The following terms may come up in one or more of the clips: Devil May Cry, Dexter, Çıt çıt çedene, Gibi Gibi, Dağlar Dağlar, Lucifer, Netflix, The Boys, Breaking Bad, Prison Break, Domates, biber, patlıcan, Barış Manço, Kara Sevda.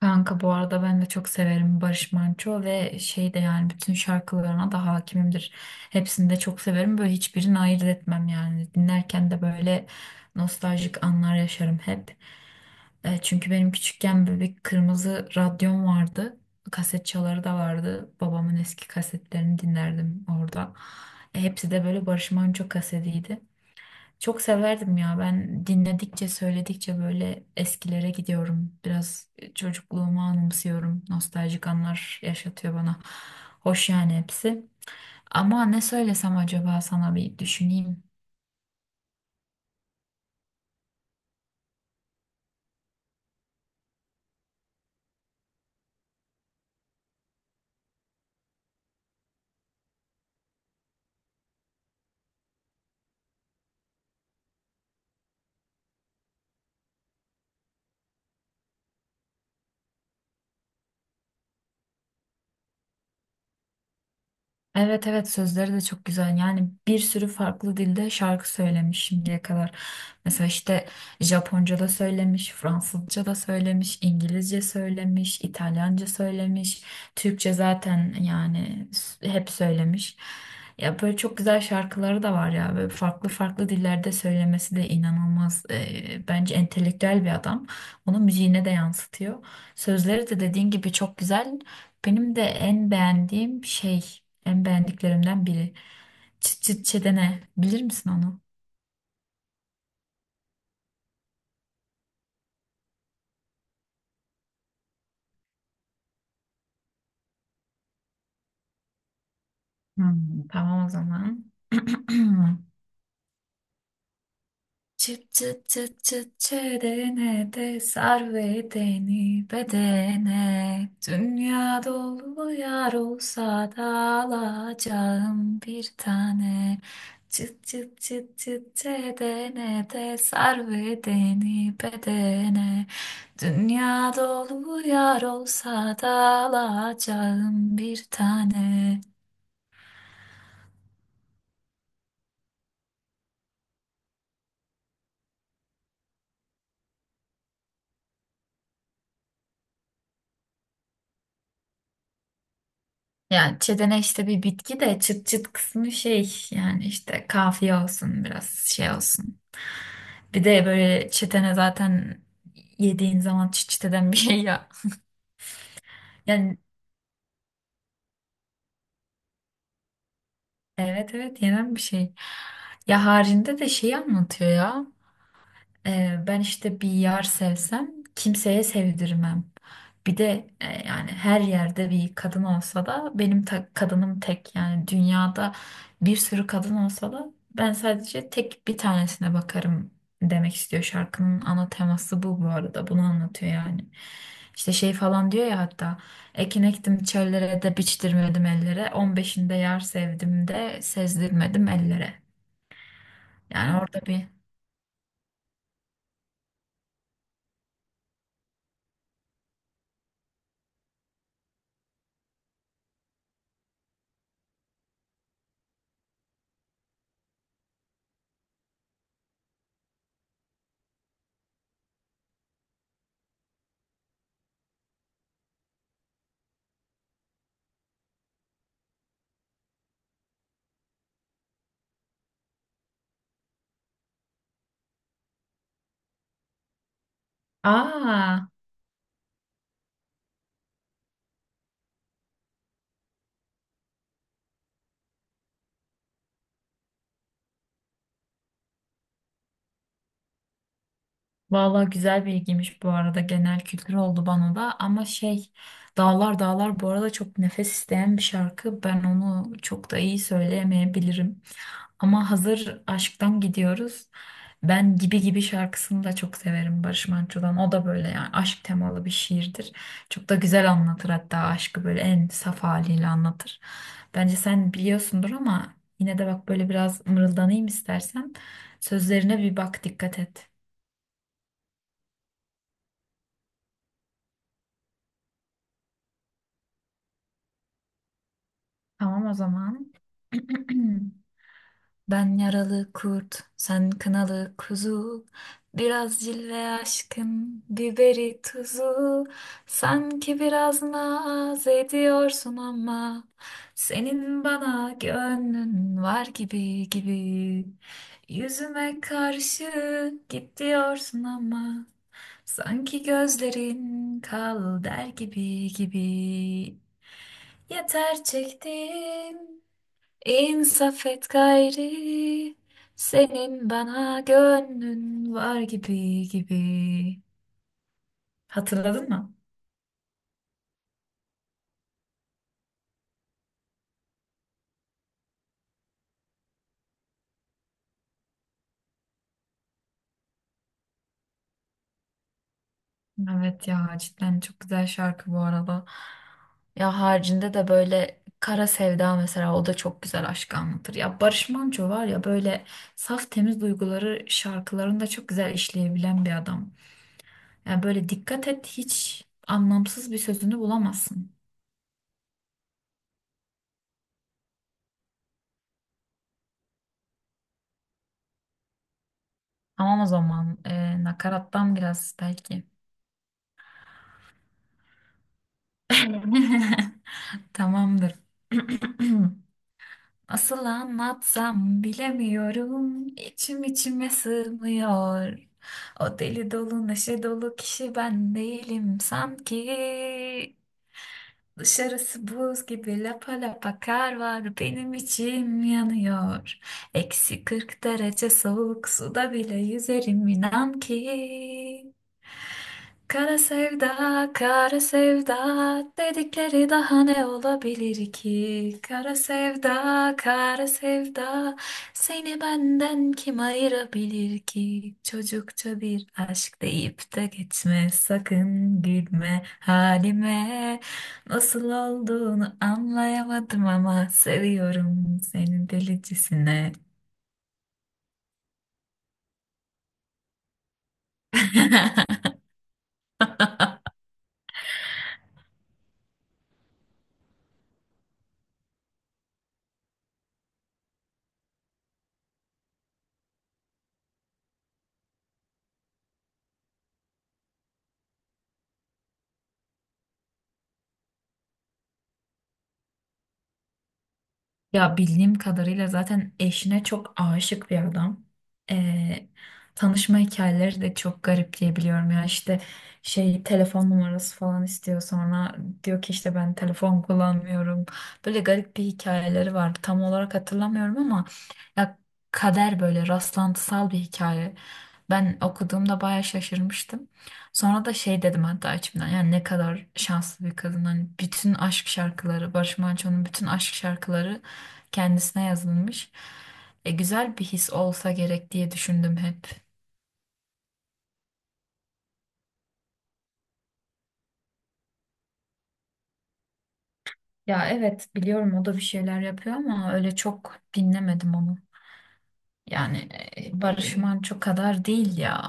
Kanka bu arada ben de çok severim Barış Manço ve şey de yani bütün şarkılarına da hakimimdir. Hepsini de çok severim. Böyle hiçbirini ayırt etmem yani. Dinlerken de böyle nostaljik anlar yaşarım hep. Çünkü benim küçükken böyle bir kırmızı radyom vardı. Kaset çaları da vardı. Babamın eski kasetlerini dinlerdim orada. Hepsi de böyle Barış Manço kasetiydi. Çok severdim ya ben dinledikçe söyledikçe böyle eskilere gidiyorum. Biraz çocukluğumu anımsıyorum. Nostaljik anlar yaşatıyor bana. Hoş yani hepsi. Ama ne söylesem acaba sana bir düşüneyim. Evet evet sözleri de çok güzel. Yani bir sürü farklı dilde şarkı söylemiş şimdiye kadar. Mesela işte Japonca da söylemiş, Fransızca da söylemiş, İngilizce söylemiş, İtalyanca söylemiş, Türkçe zaten yani hep söylemiş. Ya böyle çok güzel şarkıları da var ya. Böyle farklı farklı dillerde söylemesi de inanılmaz. Bence entelektüel bir adam. Onu müziğine de yansıtıyor. Sözleri de dediğin gibi çok güzel. Benim de en beğendiğim şey en beğendiklerimden biri. Çıt çıt çedene. Bilir misin onu? Tamam o zaman. Çıt çıt çıt çıt çedene de sar bedeni bedene. Dünya dolu yar olsa da alacağım bir tane. Çıt çıt çıt çıt çedene de sar bedeni bedene. Dünya dolu yar olsa da alacağım bir tane. Yani çetene işte bir bitki de çıt çıt kısmı şey yani işte kafiye olsun biraz şey olsun. Bir de böyle çetene zaten yediğin zaman çıt çıt eden bir şey ya. Yani evet evet yenen bir şey. Ya haricinde de şeyi anlatıyor ya. Ben işte bir yer sevsem kimseye sevdirmem. Bir de yani her yerde bir kadın olsa da benim kadınım tek. Yani dünyada bir sürü kadın olsa da ben sadece tek bir tanesine bakarım demek istiyor. Şarkının ana teması bu bu arada. Bunu anlatıyor yani. İşte şey falan diyor ya hatta ekin ektim çöllere de biçtirmedim ellere. 15'inde yar sevdim de sezdirmedim ellere. Yani orada bir. Aa. Vallahi güzel bilgiymiş bu arada genel kültür oldu bana da ama şey Dağlar Dağlar bu arada çok nefes isteyen bir şarkı ben onu çok da iyi söyleyemeyebilirim ama hazır aşktan gidiyoruz ben Gibi Gibi şarkısını da çok severim Barış Manço'dan o da böyle yani aşk temalı bir şiirdir çok da güzel anlatır hatta aşkı böyle en saf haliyle anlatır bence sen biliyorsundur ama yine de bak böyle biraz mırıldanayım istersen sözlerine bir bak dikkat et. Tamam o zaman. Ben yaralı kurt, sen kınalı kuzu. Biraz cilve aşkım, biberi tuzu. Sanki biraz naz ediyorsun ama senin bana gönlün var gibi gibi. Yüzüme karşı git diyorsun ama sanki gözlerin kal der gibi gibi. Yeter çektim, İnsaf et gayri, senin bana gönlün var gibi gibi. Hatırladın mı? Evet ya cidden çok güzel şarkı bu arada. Ya haricinde de böyle Kara Sevda mesela o da çok güzel aşkı anlatır. Ya Barış Manço var ya böyle saf temiz duyguları şarkılarında çok güzel işleyebilen bir adam. Ya böyle dikkat et hiç anlamsız bir sözünü bulamazsın. Tamam o zaman nakarattan biraz belki. Tamamdır. Asıl anlatsam bilemiyorum. İçim içime sığmıyor. O deli dolu neşe dolu kişi ben değilim sanki. Dışarısı buz gibi lapa lapa kar var benim içim yanıyor. Eksi 40 derece soğuk suda bile yüzerim inan ki. Kara sevda, kara sevda dedikleri daha ne olabilir ki? Kara sevda, kara sevda seni benden kim ayırabilir ki? Çocukça bir aşk deyip de geçme sakın gülme halime. Nasıl olduğunu anlayamadım ama seviyorum seni delicesine. Ya bildiğim kadarıyla zaten eşine çok aşık bir adam. Ee, Tanışma hikayeleri de çok garip diye biliyorum. Ya işte şey telefon numarası falan istiyor sonra diyor ki işte ben telefon kullanmıyorum. Böyle garip bir hikayeleri var. Tam olarak hatırlamıyorum ama ya kader böyle rastlantısal bir hikaye. Ben okuduğumda bayağı şaşırmıştım. Sonra da şey dedim hatta içimden yani ne kadar şanslı bir kadın. Hani bütün aşk şarkıları, Barış Manço'nun bütün aşk şarkıları kendisine yazılmış. Güzel bir his olsa gerek diye düşündüm hep. Ya evet biliyorum o da bir şeyler yapıyor ama öyle çok dinlemedim onu. Yani Barış Manço kadar değil ya.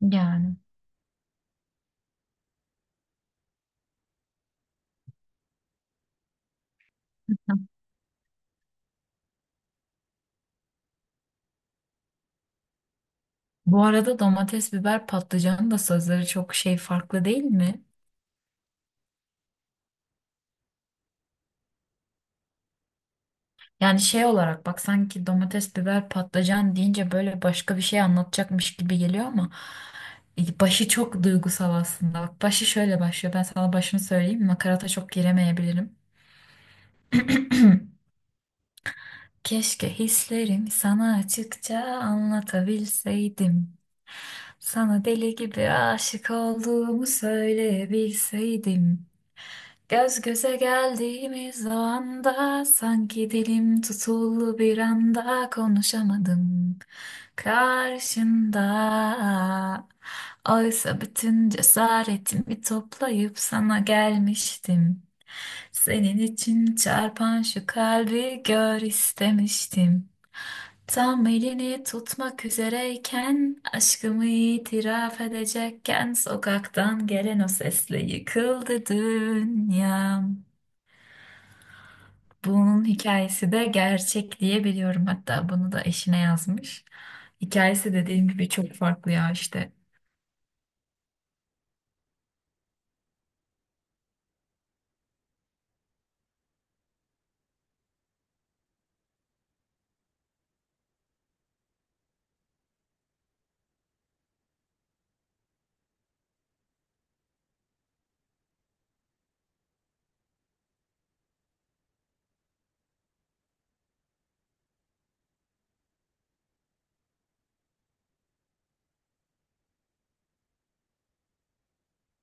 Yani. Bu arada domates, biber, patlıcanın da sözleri çok şey farklı değil mi? Yani şey olarak bak sanki domates, biber, patlıcan deyince böyle başka bir şey anlatacakmış gibi geliyor ama başı çok duygusal aslında. Bak başı şöyle başlıyor. Ben sana başını söyleyeyim. Makarata çok giremeyebilirim. Keşke hislerimi sana açıkça anlatabilseydim. Sana deli gibi aşık olduğumu söyleyebilseydim. Göz göze geldiğimiz o anda sanki dilim tutuldu bir anda konuşamadım karşında. Oysa bütün cesaretimi toplayıp sana gelmiştim. Senin için çarpan şu kalbi gör istemiştim. Tam elini tutmak üzereyken, aşkımı itiraf edecekken, sokaktan gelen o sesle yıkıldı dünyam. Bunun hikayesi de gerçek diye biliyorum. Hatta bunu da eşine yazmış. Hikayesi dediğim gibi çok farklı ya işte.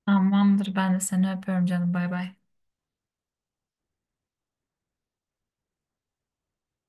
Tamamdır ben de seni öpüyorum canım bay bay.